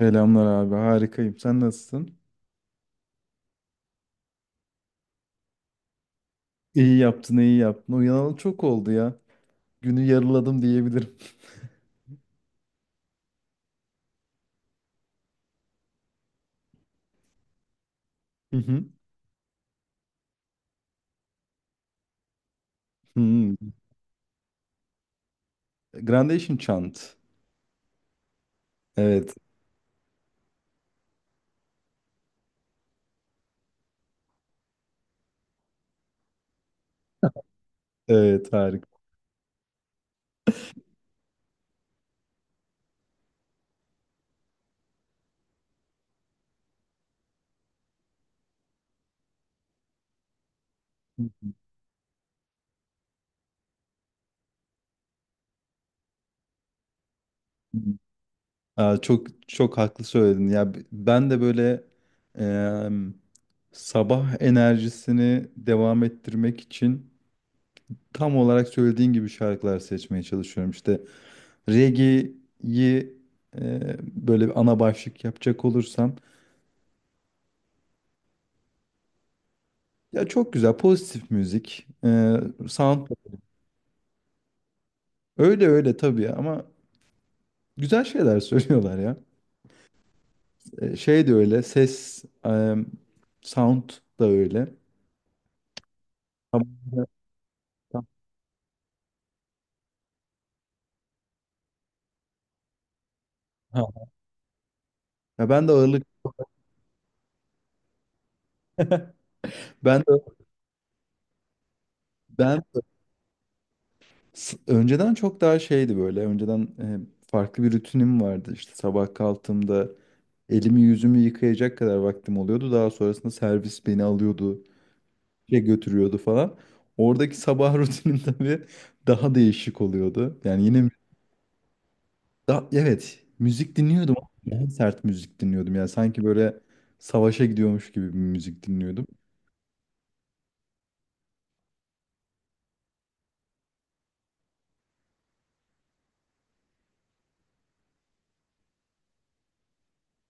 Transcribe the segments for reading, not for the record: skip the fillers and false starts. Selamlar abi, harikayım. Sen nasılsın? İyi yaptın, iyi yaptın. Uyanalı çok oldu ya. Günü yarıladım diyebilirim. Hı hı. Hmm. Grandation Chant. Evet. Evet, harika. Aa, çok çok haklı söyledin. Ya ben de böyle em, sabah enerjisini devam ettirmek için tam olarak söylediğin gibi şarkılar seçmeye çalışıyorum. İşte reggae'yi, e, böyle bir ana başlık yapacak olursam. Ya çok güzel, pozitif müzik, sound. Öyle öyle tabii, ama güzel şeyler söylüyorlar ya. Şey de öyle, ses, sound da öyle. Ama- Ha. Ya ben de ağırlık, ben de ben de- önceden çok daha şeydi böyle. Önceden, farklı bir rutinim vardı. İşte sabah kalktığımda elimi yüzümü yıkayacak kadar vaktim oluyordu. Daha sonrasında servis beni alıyordu. Şey götürüyordu falan. Oradaki sabah rutinim tabii daha değişik oluyordu. Yani yine da, evet, müzik dinliyordum, ama daha sert müzik dinliyordum. Yani sanki böyle savaşa gidiyormuş gibi bir müzik dinliyordum.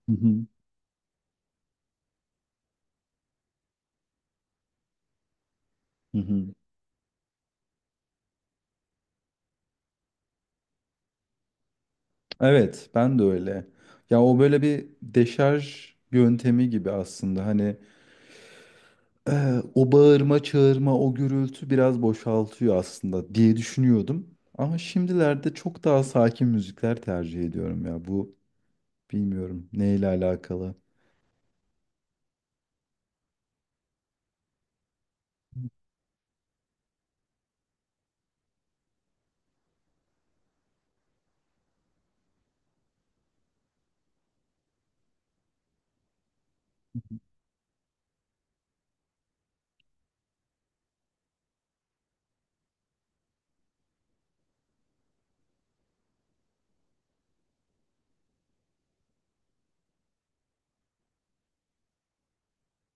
Hı hı, hı hı. Evet, ben de öyle. Ya o böyle bir deşarj yöntemi gibi aslında. Hani o bağırma çağırma, o gürültü biraz boşaltıyor aslında diye düşünüyordum. Ama şimdilerde çok daha sakin müzikler tercih ediyorum ya bu. Bilmiyorum neyle alakalı.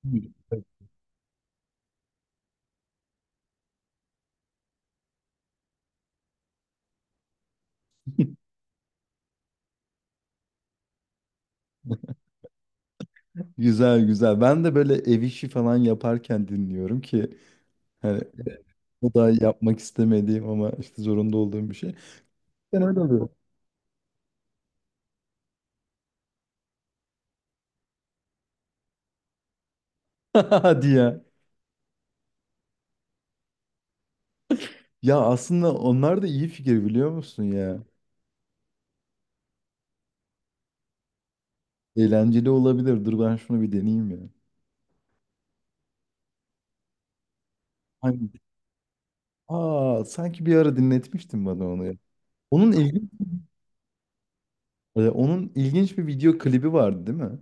Hmm. Güzel, güzel. Ben de böyle ev işi falan yaparken dinliyorum ki hani o da yapmak istemediğim ama işte zorunda olduğum bir şey. Ben öyle oluyorum. Hadi ya. Ya aslında onlar da iyi fikir, biliyor musun ya? Eğlenceli olabilir. Dur ben şunu bir deneyeyim ya. Hangi? Aa, sanki bir ara dinletmiştin bana onu ya. Onun ilginç, onun ilginç bir video klibi vardı değil mi?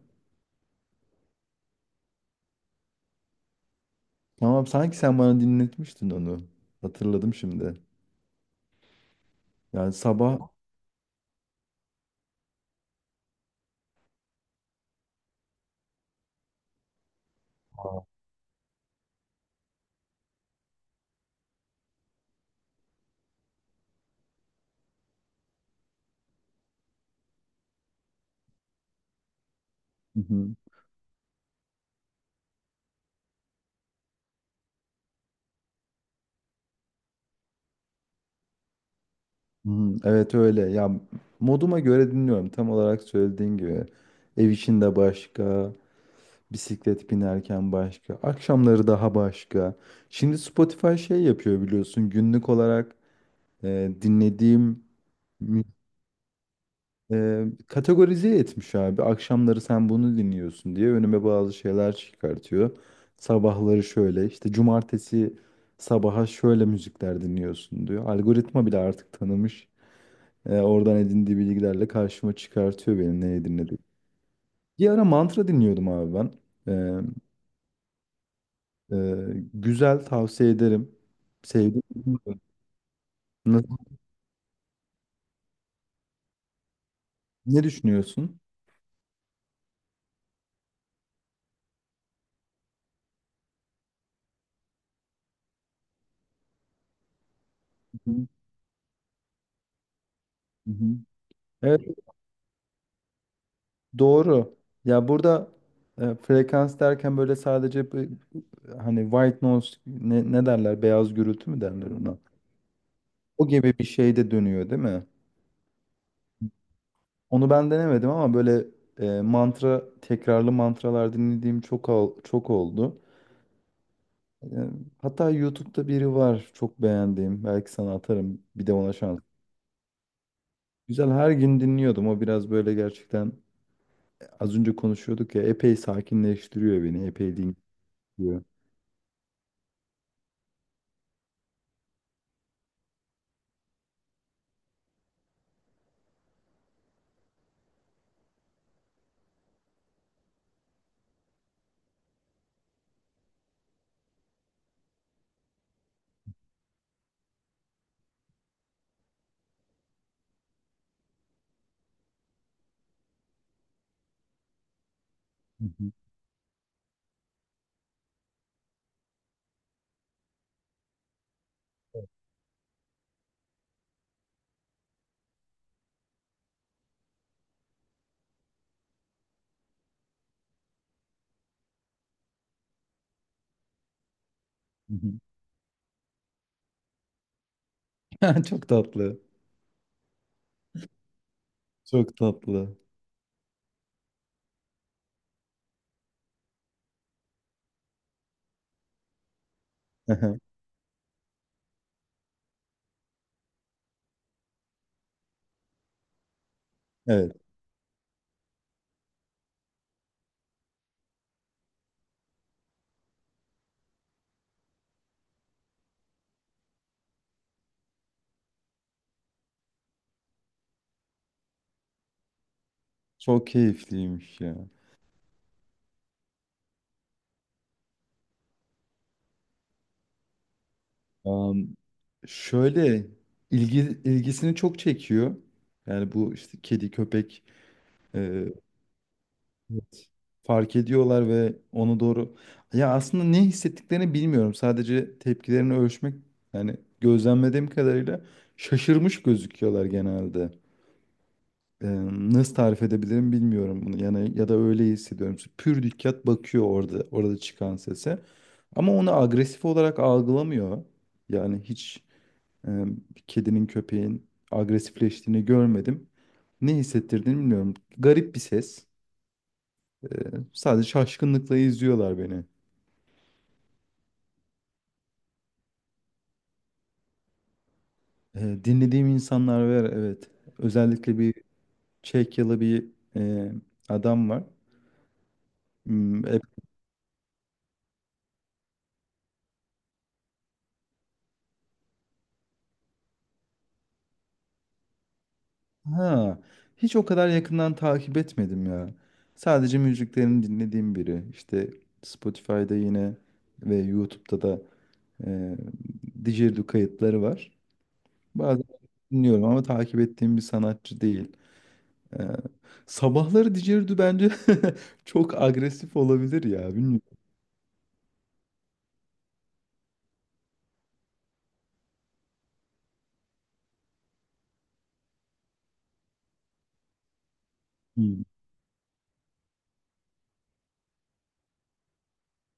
Tamam, sanki sen bana dinletmiştin onu. Hatırladım şimdi. Yani sabah. Hı hı. Hı hı. Evet, öyle. Ya moduma göre dinliyorum. Tam olarak söylediğin gibi. Ev içinde başka, bisiklet binerken başka, akşamları daha başka. Şimdi Spotify şey yapıyor biliyorsun. Günlük olarak dinlediğim mü- kategorize etmiş abi. Akşamları sen bunu dinliyorsun diye önüme bazı şeyler çıkartıyor. Sabahları şöyle, işte cumartesi sabaha şöyle müzikler dinliyorsun diyor. Algoritma bile artık tanımış. Oradan edindiği bilgilerle karşıma çıkartıyor benim ne edinlediğimi. Bir ara mantra dinliyordum abi ben. E, e, Güzel, tavsiye ederim. Sevdim. Nasıl- Ne düşünüyorsun? Hı hı, hı hı. Evet, doğru. Ya burada frekans derken böyle sadece bir- hani white noise, ne, ne derler, beyaz gürültü mü derler ona? O gibi bir şey de dönüyor değil mi? Onu ben denemedim, ama böyle mantra, tekrarlı mantralar dinlediğim çok oldu. Ee, Hatta YouTube'da biri var çok beğendiğim. Belki sana atarım. Bir de ona şans. Güzel, her gün dinliyordum. O biraz böyle gerçekten, az önce konuşuyorduk ya, epey sakinleştiriyor beni. Epey dinliyor. Hı hı, hı hı. Çok tatlı. Çok tatlı. Evet. Çok keyifliymiş ya. Am, şöyle ilgi, ilgisini çok çekiyor. Yani bu işte kedi, köpek. Evet. Fark ediyorlar ve onu doğru... Ya aslında ne hissettiklerini bilmiyorum. Sadece tepkilerini ölçmek, yani gözlemlediğim kadarıyla şaşırmış gözüküyorlar genelde. Ee, Nasıl tarif edebilirim bilmiyorum bunu. Yani ya da öyle hissediyorum. Pür dikkat bakıyor orada, orada çıkan sese. Ama onu agresif olarak algılamıyor. Yani hiç e, kedinin köpeğin agresifleştiğini görmedim. Ne hissettirdiğini bilmiyorum. Garip bir ses. Ee, Sadece şaşkınlıkla izliyorlar beni. Dinlediğim insanlar var, evet. Özellikle bir Çekyalı bir e, adam var. Hmm, ha, hiç o kadar yakından takip etmedim ya. Sadece müziklerini dinlediğim biri. İşte Spotify'da yine ve YouTube'da da e, Didgeridoo kayıtları var. Bazen dinliyorum ama takip ettiğim bir sanatçı değil. Ee, sabahları Didgeridoo bence çok agresif olabilir ya. Bilmiyorum.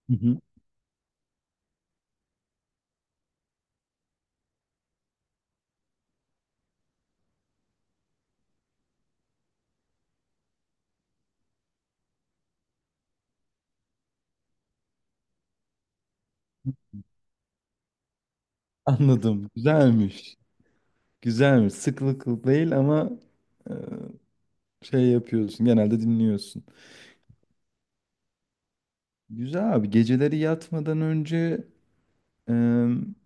Hı hı. Anladım. Güzelmiş. Güzelmiş. Sıklıklı değil ama e, şey yapıyorsun. Genelde dinliyorsun. Güzel abi. Geceleri yatmadan önce e,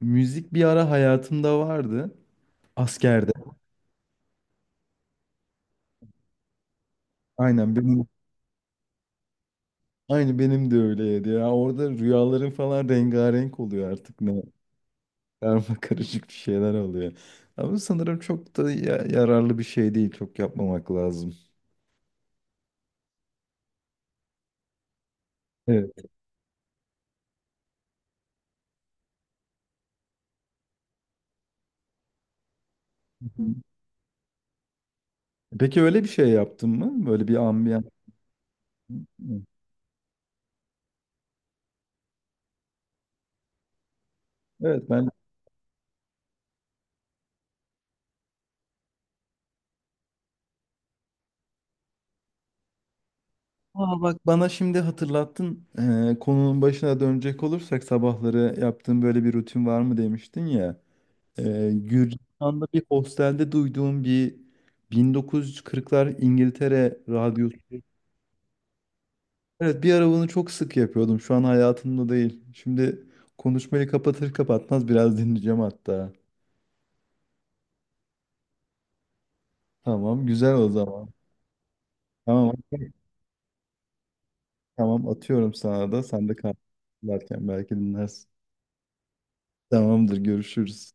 müzik bir ara hayatımda vardı. Askerde. Aynen benim, aynı benim de öyleydi ya. Orada rüyaların falan rengarenk oluyor, artık ne karma karışık bir şeyler oluyor. Ama sanırım çok da yararlı bir şey değil. Çok yapmamak lazım. Evet. Hı hı. Peki öyle bir şey yaptın mı? Böyle bir ambiyans. Evet ben. Aa, bak bana şimdi hatırlattın. Konunun başına dönecek olursak, sabahları yaptığın böyle bir rutin var mı demiştin ya. Gürcistan'da bir hostelde duyduğum bir 1940'lar İngiltere radyosu. Evet, bir ara bunu çok sık yapıyordum. Şu an hayatımda değil. Şimdi konuşmayı kapatır kapatmaz biraz dinleyeceğim hatta. Tamam, güzel o zaman. Tamam tamam, atıyorum sana da. Sen de kaynarken belki dinlersin. Tamamdır, görüşürüz.